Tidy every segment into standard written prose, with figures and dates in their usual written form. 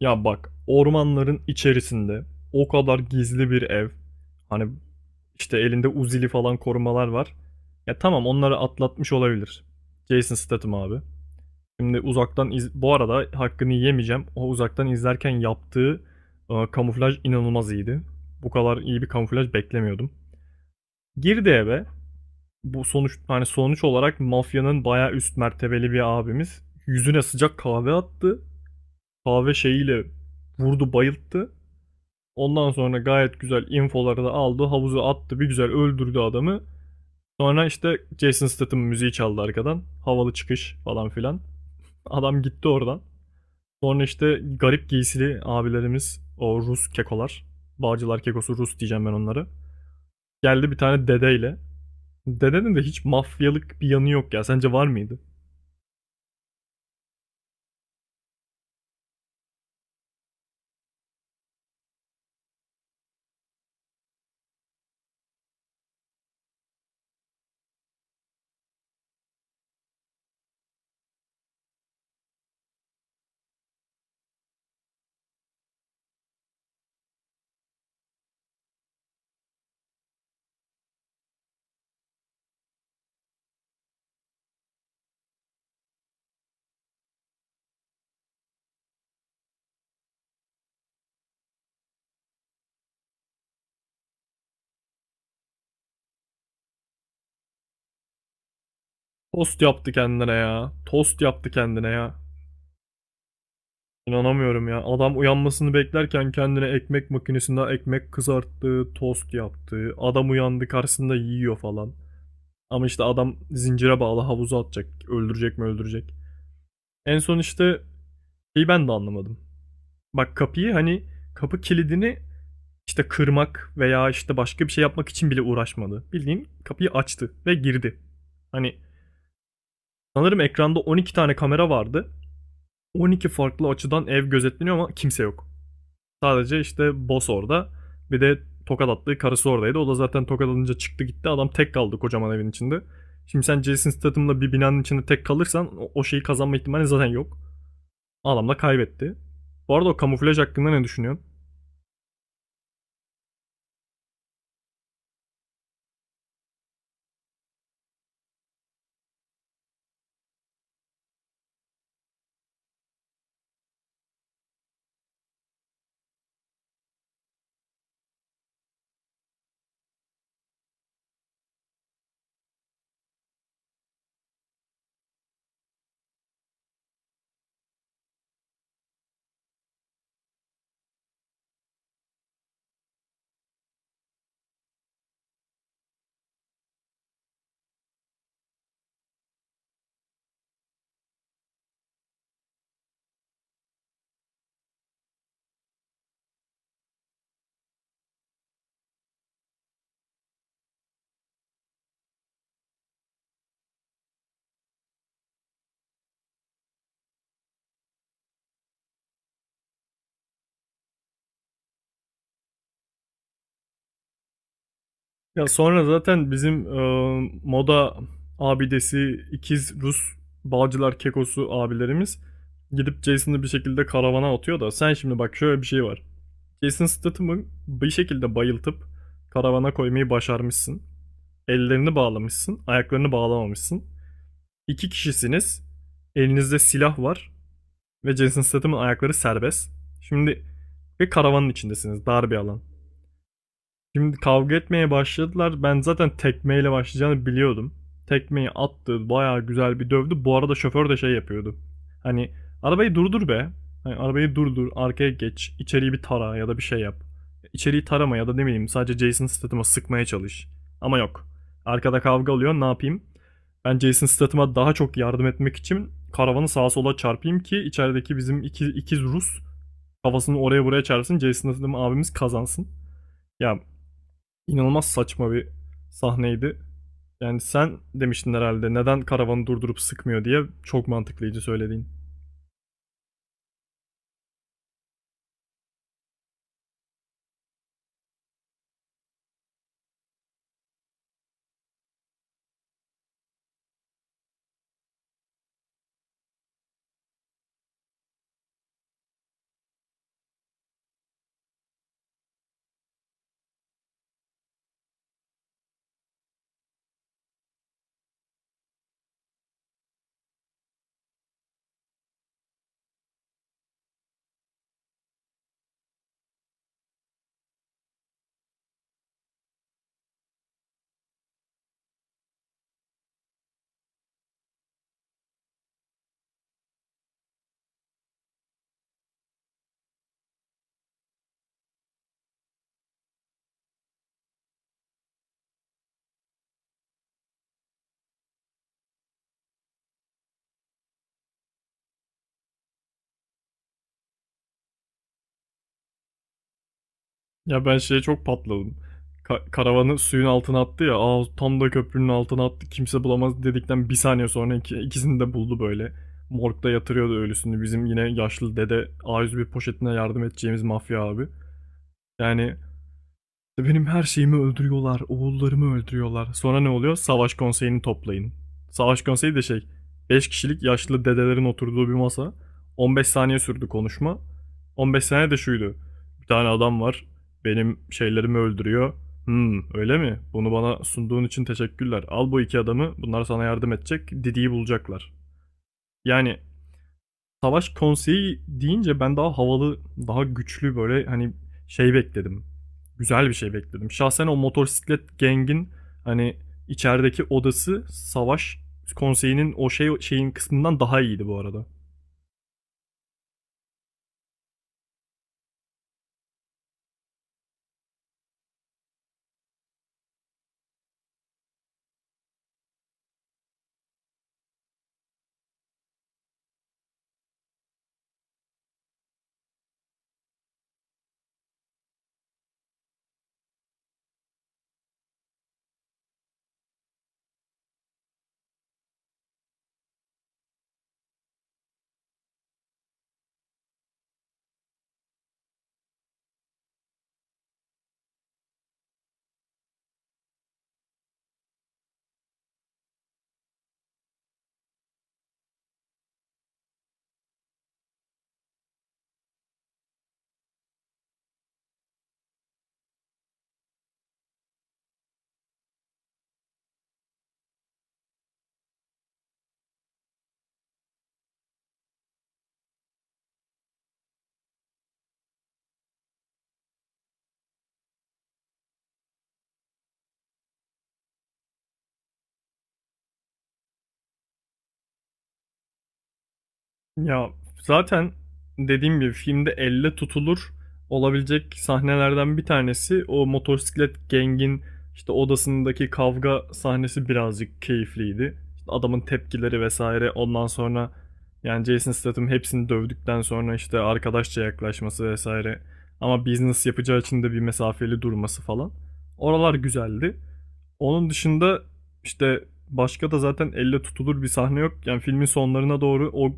Ya bak ormanların içerisinde o kadar gizli bir ev. Hani işte elinde Uzi'li falan korumalar var. Ya tamam onları atlatmış olabilir. Jason Statham abi. Şimdi bu arada hakkını yemeyeceğim. O uzaktan izlerken yaptığı kamuflaj inanılmaz iyiydi. Bu kadar iyi bir kamuflaj beklemiyordum. Girdi eve. Bu sonuç hani sonuç olarak mafyanın bayağı üst mertebeli bir abimiz yüzüne sıcak kahve attı. Kahve şeyiyle vurdu, bayılttı. Ondan sonra gayet güzel infoları da aldı. Havuzu attı. Bir güzel öldürdü adamı. Sonra işte Jason Statham müziği çaldı arkadan. Havalı çıkış falan filan. Adam gitti oradan. Sonra işte garip giysili abilerimiz, o Rus kekolar. Bağcılar kekosu Rus diyeceğim ben onları. Geldi bir tane dedeyle. Dedenin de hiç mafyalık bir yanı yok ya. Sence var mıydı? Tost yaptı kendine ya. Tost yaptı kendine ya. İnanamıyorum ya. Adam uyanmasını beklerken kendine ekmek makinesinde ekmek kızarttı, tost yaptı. Adam uyandı, karşısında yiyor falan. Ama işte adam zincire bağlı, havuza atacak. Öldürecek mi öldürecek. En son işte şeyi ben de anlamadım. Bak kapıyı hani kapı kilidini işte kırmak veya işte başka bir şey yapmak için bile uğraşmadı. Bildiğin kapıyı açtı ve girdi. Hani sanırım ekranda 12 tane kamera vardı. 12 farklı açıdan ev gözetleniyor ama kimse yok. Sadece işte boss orada. Bir de tokat attığı karısı oradaydı. O da zaten tokat alınca çıktı gitti. Adam tek kaldı kocaman evin içinde. Şimdi sen Jason Statham'la bir binanın içinde tek kalırsan şeyi kazanma ihtimali zaten yok. Adamla kaybetti. Bu arada o kamuflaj hakkında ne düşünüyorsun? Ya sonra zaten bizim moda abidesi ikiz Rus Bağcılar Kekosu abilerimiz gidip Jason'ı bir şekilde karavana atıyor da, sen şimdi bak şöyle bir şey var. Jason Statham'ı bir şekilde bayıltıp karavana koymayı başarmışsın. Ellerini bağlamışsın, ayaklarını bağlamamışsın. İki kişisiniz. Elinizde silah var ve Jason Statham'ın ayakları serbest. Şimdi, ve karavanın içindesiniz, dar bir alan. Şimdi kavga etmeye başladılar. Ben zaten tekmeyle başlayacağını biliyordum. Tekmeyi attı, bayağı güzel bir dövdü. Bu arada şoför de şey yapıyordu. Hani arabayı durdur be. Hani arabayı durdur, arkaya geç, içeriği bir tara ya da bir şey yap. İçeriği tarama ya da ne bileyim, sadece Jason Statham'a sıkmaya çalış. Ama yok. Arkada kavga oluyor, ne yapayım? Ben Jason Statham'a daha çok yardım etmek için karavanı sağa sola çarpayım ki içerideki bizim ikiz Rus kafasını oraya buraya çarpsın. Jason Statham abimiz kazansın. Ya, İnanılmaz saçma bir sahneydi. Yani sen demiştin herhalde neden karavanı durdurup sıkmıyor diye, çok mantıklıydı söylediğin. Ya ben şeye çok patladım. Karavanı suyun altına attı ya. Aa, tam da köprünün altına attı. Kimse bulamaz dedikten bir saniye sonra ikisini de buldu böyle. Morgda yatırıyordu ölüsünü. Bizim yine yaşlı dede, a yüz bir poşetine yardım edeceğimiz mafya abi. Yani İşte benim her şeyimi öldürüyorlar, oğullarımı öldürüyorlar. Sonra ne oluyor? Savaş konseyini toplayın. Savaş konseyi de şey, 5 kişilik yaşlı dedelerin oturduğu bir masa. 15 saniye sürdü konuşma. 15 saniye de şuydu. Bir tane adam var, benim şeylerimi öldürüyor. Hmm, öyle mi? Bunu bana sunduğun için teşekkürler. Al bu iki adamı, bunlar sana yardım edecek, Didi'yi bulacaklar. Yani savaş konseyi deyince ben daha havalı, daha güçlü böyle hani şey bekledim. Güzel bir şey bekledim. Şahsen o motosiklet gengin hani içerideki odası, savaş konseyinin o şeyin kısmından daha iyiydi bu arada. Ya zaten dediğim gibi filmde elle tutulur olabilecek sahnelerden bir tanesi o motosiklet gengin işte odasındaki kavga sahnesi, birazcık keyifliydi. İşte adamın tepkileri vesaire, ondan sonra yani Jason Statham hepsini dövdükten sonra işte arkadaşça yaklaşması vesaire, ama business yapacağı için de bir mesafeli durması falan. Oralar güzeldi. Onun dışında işte başka da zaten elle tutulur bir sahne yok. Yani filmin sonlarına doğru o,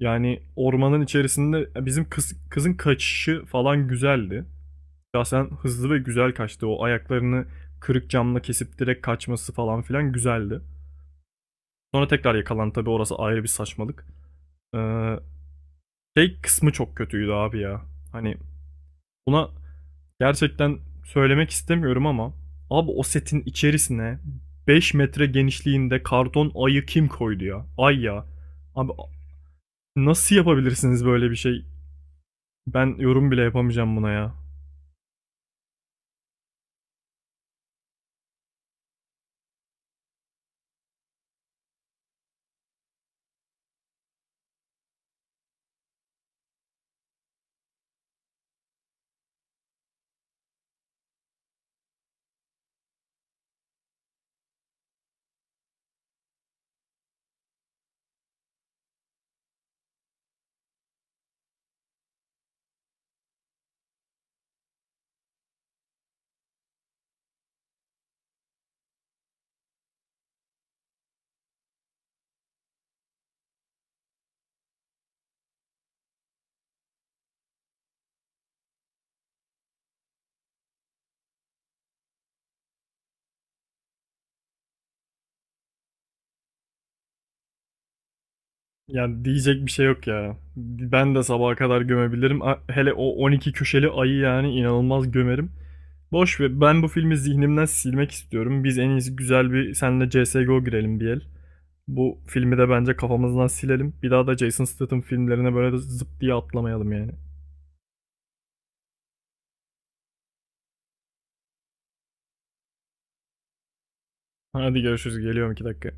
yani ormanın içerisinde bizim kızın kaçışı falan güzeldi. Şahsen hızlı ve güzel kaçtı. O ayaklarını kırık camla kesip direkt kaçması falan filan güzeldi. Sonra tekrar yakalan tabii, orası ayrı bir saçmalık. Ee, Şey kısmı çok kötüydü abi ya. Hani buna gerçekten söylemek istemiyorum ama abi, o setin içerisine 5 metre genişliğinde karton ayı kim koydu ya? Ay ya. Abi, nasıl yapabilirsiniz böyle bir şey? Ben yorum bile yapamayacağım buna ya. Yani diyecek bir şey yok ya. Ben de sabaha kadar gömebilirim. Hele o 12 köşeli ayı yani inanılmaz gömerim. Boş ver. Ben bu filmi zihnimden silmek istiyorum. Biz en iyisi güzel bir senle CSGO girelim bir el. Bu filmi de bence kafamızdan silelim. Bir daha da Jason Statham filmlerine böyle zıp diye atlamayalım yani. Hadi görüşürüz. Geliyorum 2 dakika.